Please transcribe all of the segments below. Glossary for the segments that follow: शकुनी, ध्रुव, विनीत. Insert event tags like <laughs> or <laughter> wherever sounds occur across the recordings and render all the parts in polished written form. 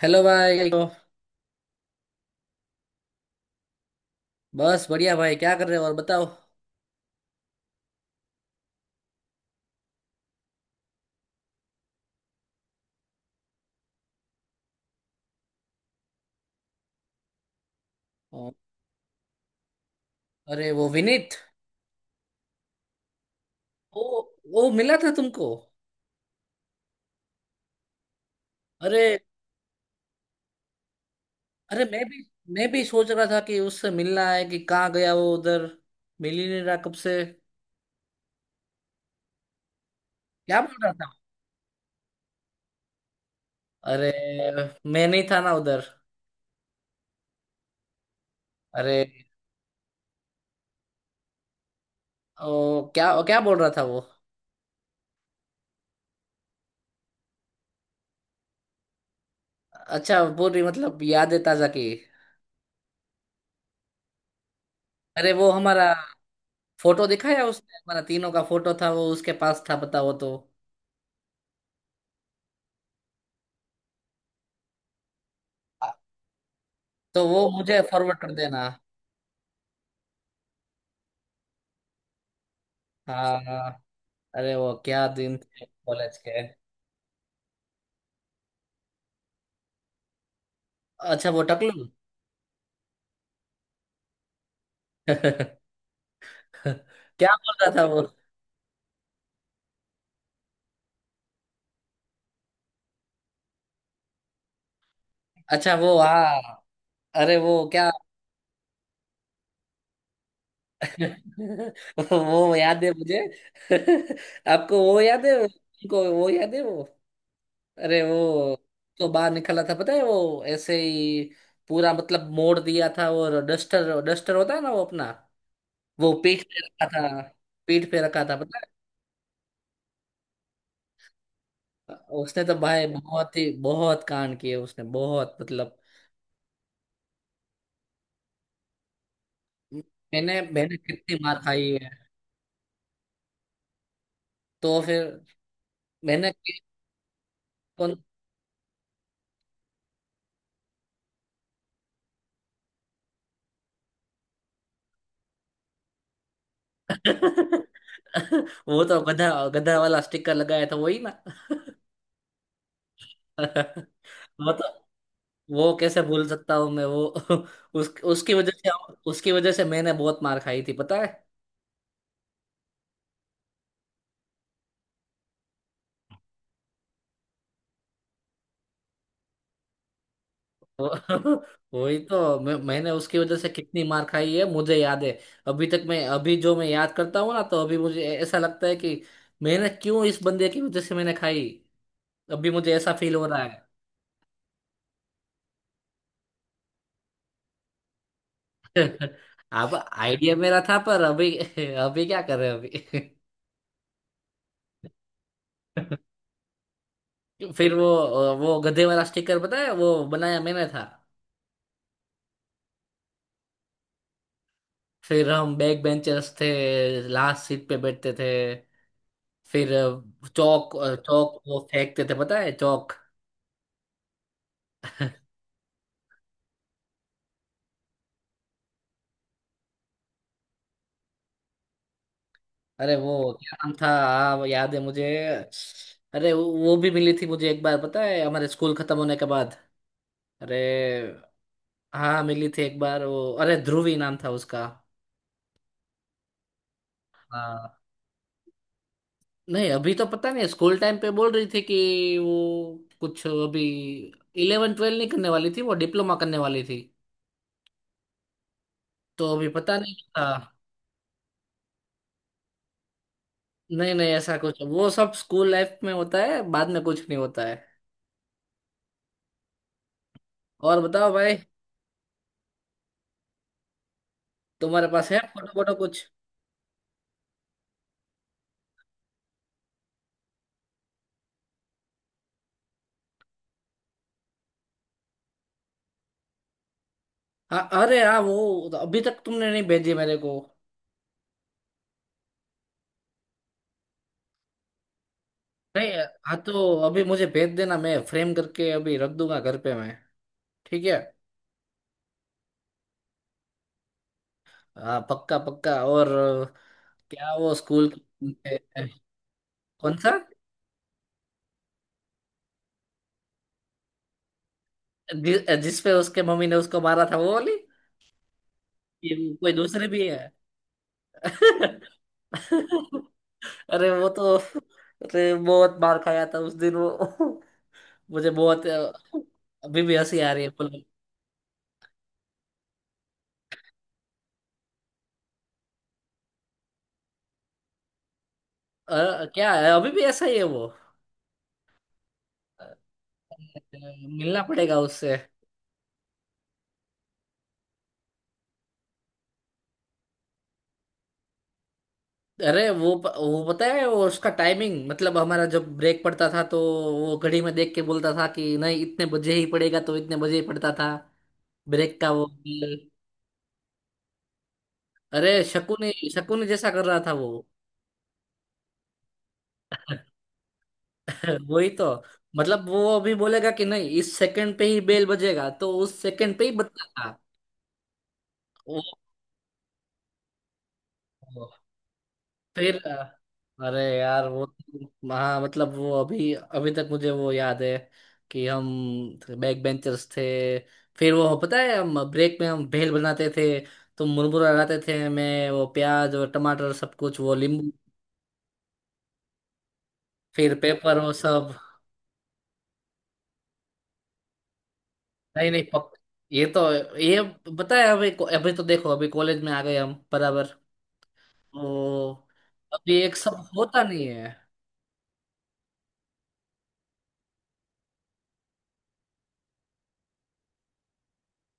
Hello भाई। तो बस बढ़िया भाई। क्या कर रहे हो और बताओ। ओ, अरे वो विनीत। ओ, वो मिला था तुमको? अरे, अरे मैं भी सोच रहा था कि उससे मिलना है कि कहाँ गया वो उधर। मिल ही नहीं रहा कब से। क्या बोल रहा था? अरे मैं नहीं था ना उधर। अरे। ओ, क्या क्या बोल रहा था वो? अच्छा, पूरी मतलब यादें ताजा की। अरे वो हमारा फोटो दिखाया उसने, हमारा तीनों का फोटो था वो, उसके पास था, पता वो तो। तो वो मुझे फॉरवर्ड कर देना। हाँ। अरे वो क्या दिन थे कॉलेज के। अच्छा वो टकलू। <laughs> क्या बोल रहा था वो? अच्छा वो, हाँ। अरे वो क्या। <laughs> वो याद है मुझे। <laughs> आपको वो याद है, उनको वो याद है वो। अरे वो तो बाहर निकला था, पता है वो ऐसे ही पूरा मतलब मोड़ दिया था। और डस्टर, होता है ना वो अपना, वो पीठ पे रखा था। पीठ पे रखा था। उसने तो भाई बहुत ही बहुत कांड किए उसने, बहुत मतलब। मैंने मैंने कितनी मार खाई है। तो फिर मैंने कि- कौन। <laughs> वो तो गधा गधा वाला स्टिकर लगाया था, वही ना। <laughs> वो तो वो कैसे भूल सकता हूँ मैं वो। <laughs> उसकी वजह से, उसकी वजह से मैंने बहुत मार खाई थी, पता है। वो- <laughs> वही तो मैंने उसकी वजह से कितनी मार खाई है, मुझे याद है अभी तक। मैं अभी जो मैं याद करता हूँ ना, तो अभी मुझे ऐसा लगता है कि मैंने क्यों इस बंदे की वजह से मैंने खाई। अभी मुझे ऐसा फील हो रहा है। <laughs> अब आइडिया मेरा था, पर अभी <laughs> अभी क्या कर रहे हैं। अभी <laughs> फिर वो गधे वाला स्टिकर पता है वो बनाया मैंने था। फिर हम बैक बेंचर्स थे, लास्ट सीट पे बैठते थे। फिर चौक, चौक वो फेंकते थे पता है चौक। अरे वो क्या नाम था, हाँ, वो याद है मुझे। अरे वो भी मिली थी मुझे एक बार पता है, हमारे स्कूल खत्म होने के बाद। अरे हाँ मिली थी एक बार वो, अरे ध्रुवी नाम था उसका। हाँ, नहीं अभी तो पता नहीं। स्कूल टाइम पे बोल रही थी कि वो कुछ अभी इलेवन ट्वेल्व नहीं करने वाली थी, वो डिप्लोमा करने वाली थी। तो अभी पता नहीं था। नहीं नहीं, ऐसा कुछ वो सब स्कूल लाइफ में होता है, बाद में कुछ नहीं होता है। और बताओ भाई। तुम्हारे पास है फोटो वोटो कुछ? हाँ, अरे हाँ वो अभी तक तुमने नहीं भेजी मेरे को। नहीं। हाँ तो अभी मुझे भेज देना, मैं फ्रेम करके अभी रख दूंगा घर पे मैं। ठीक है। हाँ पक्का पक्का। और क्या वो स्कूल। कौन सा। जिस पे उसके मम्मी ने उसको मारा था वो वाली? ये कोई दूसरे भी है? <laughs> अरे वो तो। अरे बहुत मार खाया था उस दिन वो। <laughs> मुझे बहुत अभी भी हंसी आ रही है बोलो। क्या है, अभी भी ऐसा ही है वो? मिलना पड़ेगा उससे। अरे वो पता है वो उसका टाइमिंग, मतलब हमारा जब ब्रेक पड़ता था, तो वो घड़ी में देख के बोलता था कि नहीं इतने बजे ही पड़ेगा, तो इतने बजे ही पड़ता था ब्रेक का, वो बिल। अरे शकुनी, शकुनी जैसा कर रहा था वो। <laughs> वही तो मतलब वो अभी बोलेगा कि नहीं इस सेकंड पे ही बेल बजेगा, तो उस सेकंड पे ही बजता था। ओ, फिर अरे यार हाँ मतलब वो अभी, अभी तक मुझे वो याद है कि हम बैक बेंचर्स थे। फिर वो पता है हम ब्रेक में हम भेल बनाते थे। तो मुरमुरा लगाते थे मैं, वो प्याज और टमाटर सब कुछ, वो नींबू, फिर पेपर, वो सब। नहीं नहीं, पक, ये तो, ये पता है अभी, अभी तो देखो अभी कॉलेज में आ गए हम बराबर। तो अभी एक सब होता नहीं है।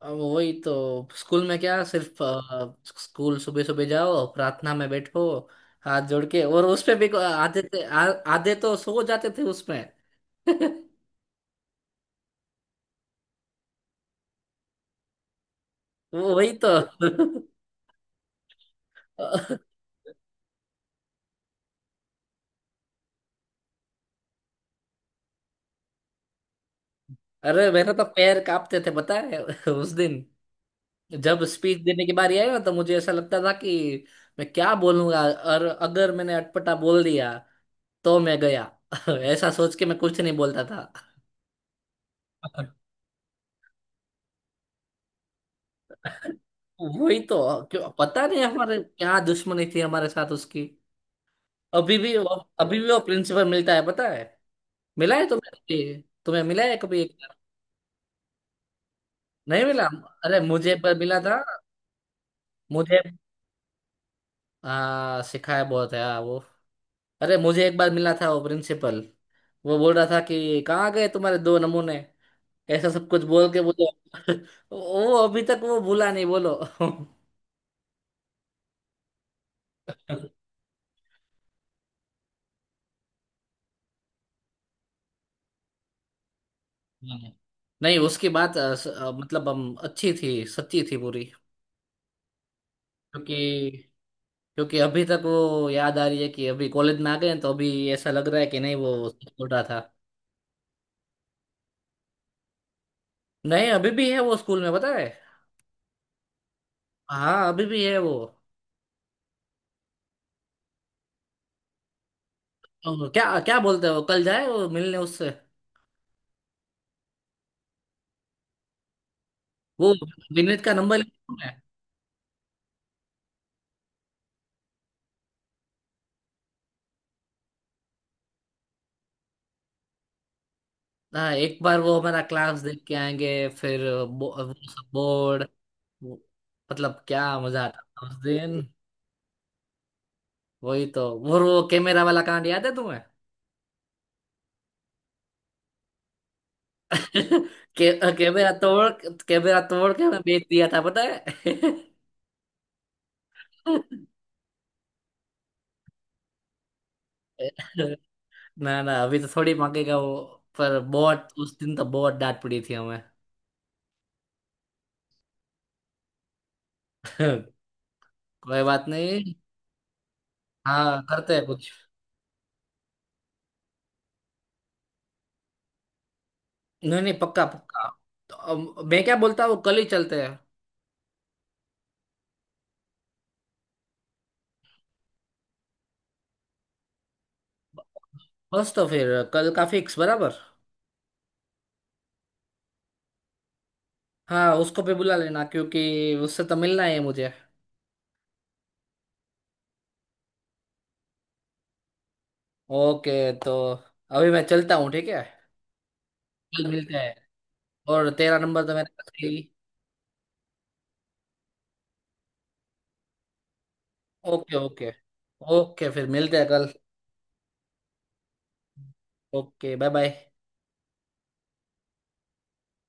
अब वही तो स्कूल में क्या, सिर्फ स्कूल सुबह सुबह जाओ, प्रार्थना में बैठो हाथ जोड़ के, और उसपे भी आधे थे आधे तो सो जाते थे उसमें। <laughs> वो वही तो। <laughs> अरे मेरे तो पैर कांपते थे पता है, <laughs> उस दिन जब स्पीच देने की बारी आई ना, तो मुझे ऐसा लगता था कि मैं क्या बोलूंगा, और अगर मैंने अटपटा बोल दिया तो मैं गया। <laughs> ऐसा सोच के मैं कुछ नहीं बोलता था। वही तो, क्यों पता नहीं हमारे क्या दुश्मनी थी हमारे साथ उसकी। अभी भी वो, अभी भी वो प्रिंसिपल मिलता है पता है। मिला है तुम्हें कभी? तुम्हें मिला है कभी एक बार? नहीं मिला। अरे मुझे एक बार मिला था। मुझे, हाँ, सिखाया बहुत है, हाँ वो। अरे मुझे एक बार मिला था वो प्रिंसिपल। वो बोल रहा था कि कहाँ गए तुम्हारे दो नमूने, ऐसा सब कुछ बोल के बोलो। <laughs> वो अभी तक वो भूला नहीं बोलो। <laughs> नहीं नहीं, उसकी बात मतलब हम, अच्छी थी, सच्ची थी पूरी। क्योंकि, क्योंकि अभी तक वो याद आ रही है कि अभी कॉलेज में आ गए हैं, तो अभी ऐसा लग रहा है कि नहीं वो छोटा था। नहीं अभी भी है वो स्कूल में पता है। हाँ अभी भी है वो। तो क्या क्या बोलते हैं, वो कल जाए वो मिलने उससे। वो विनीत का नंबर लेना है। हाँ एक बार वो हमारा क्लास देख के आएंगे। फिर वो सब बोर्ड, वो, मतलब क्या मजा आता था उस दिन। वही तो, वो कैमरा वाला कांड याद है तुम्हें? <laughs> के, कैमरा तोड़, कैमरा तोड़ के मैं बेच दिया था पता है। <laughs> ना ना अभी तो थोड़ी मांगेगा वो। पर बहुत, उस दिन तो बहुत डांट पड़ी थी हमें। <laughs> कोई बात नहीं। हाँ करते हैं कुछ। नहीं नहीं पक्का पक्का। तो अब मैं क्या बोलता हूँ, कल ही चलते हैं। बस तो फिर कल का फिक्स बराबर। हाँ उसको भी बुला लेना, क्योंकि उससे तो मिलना है मुझे। ओके, तो अभी मैं चलता हूँ ठीक है। कल मिलते हैं, और तेरा नंबर तो मेरे पास है ही। Okay okay. ओके फिर मिलते हैं कल। Okay bye bye.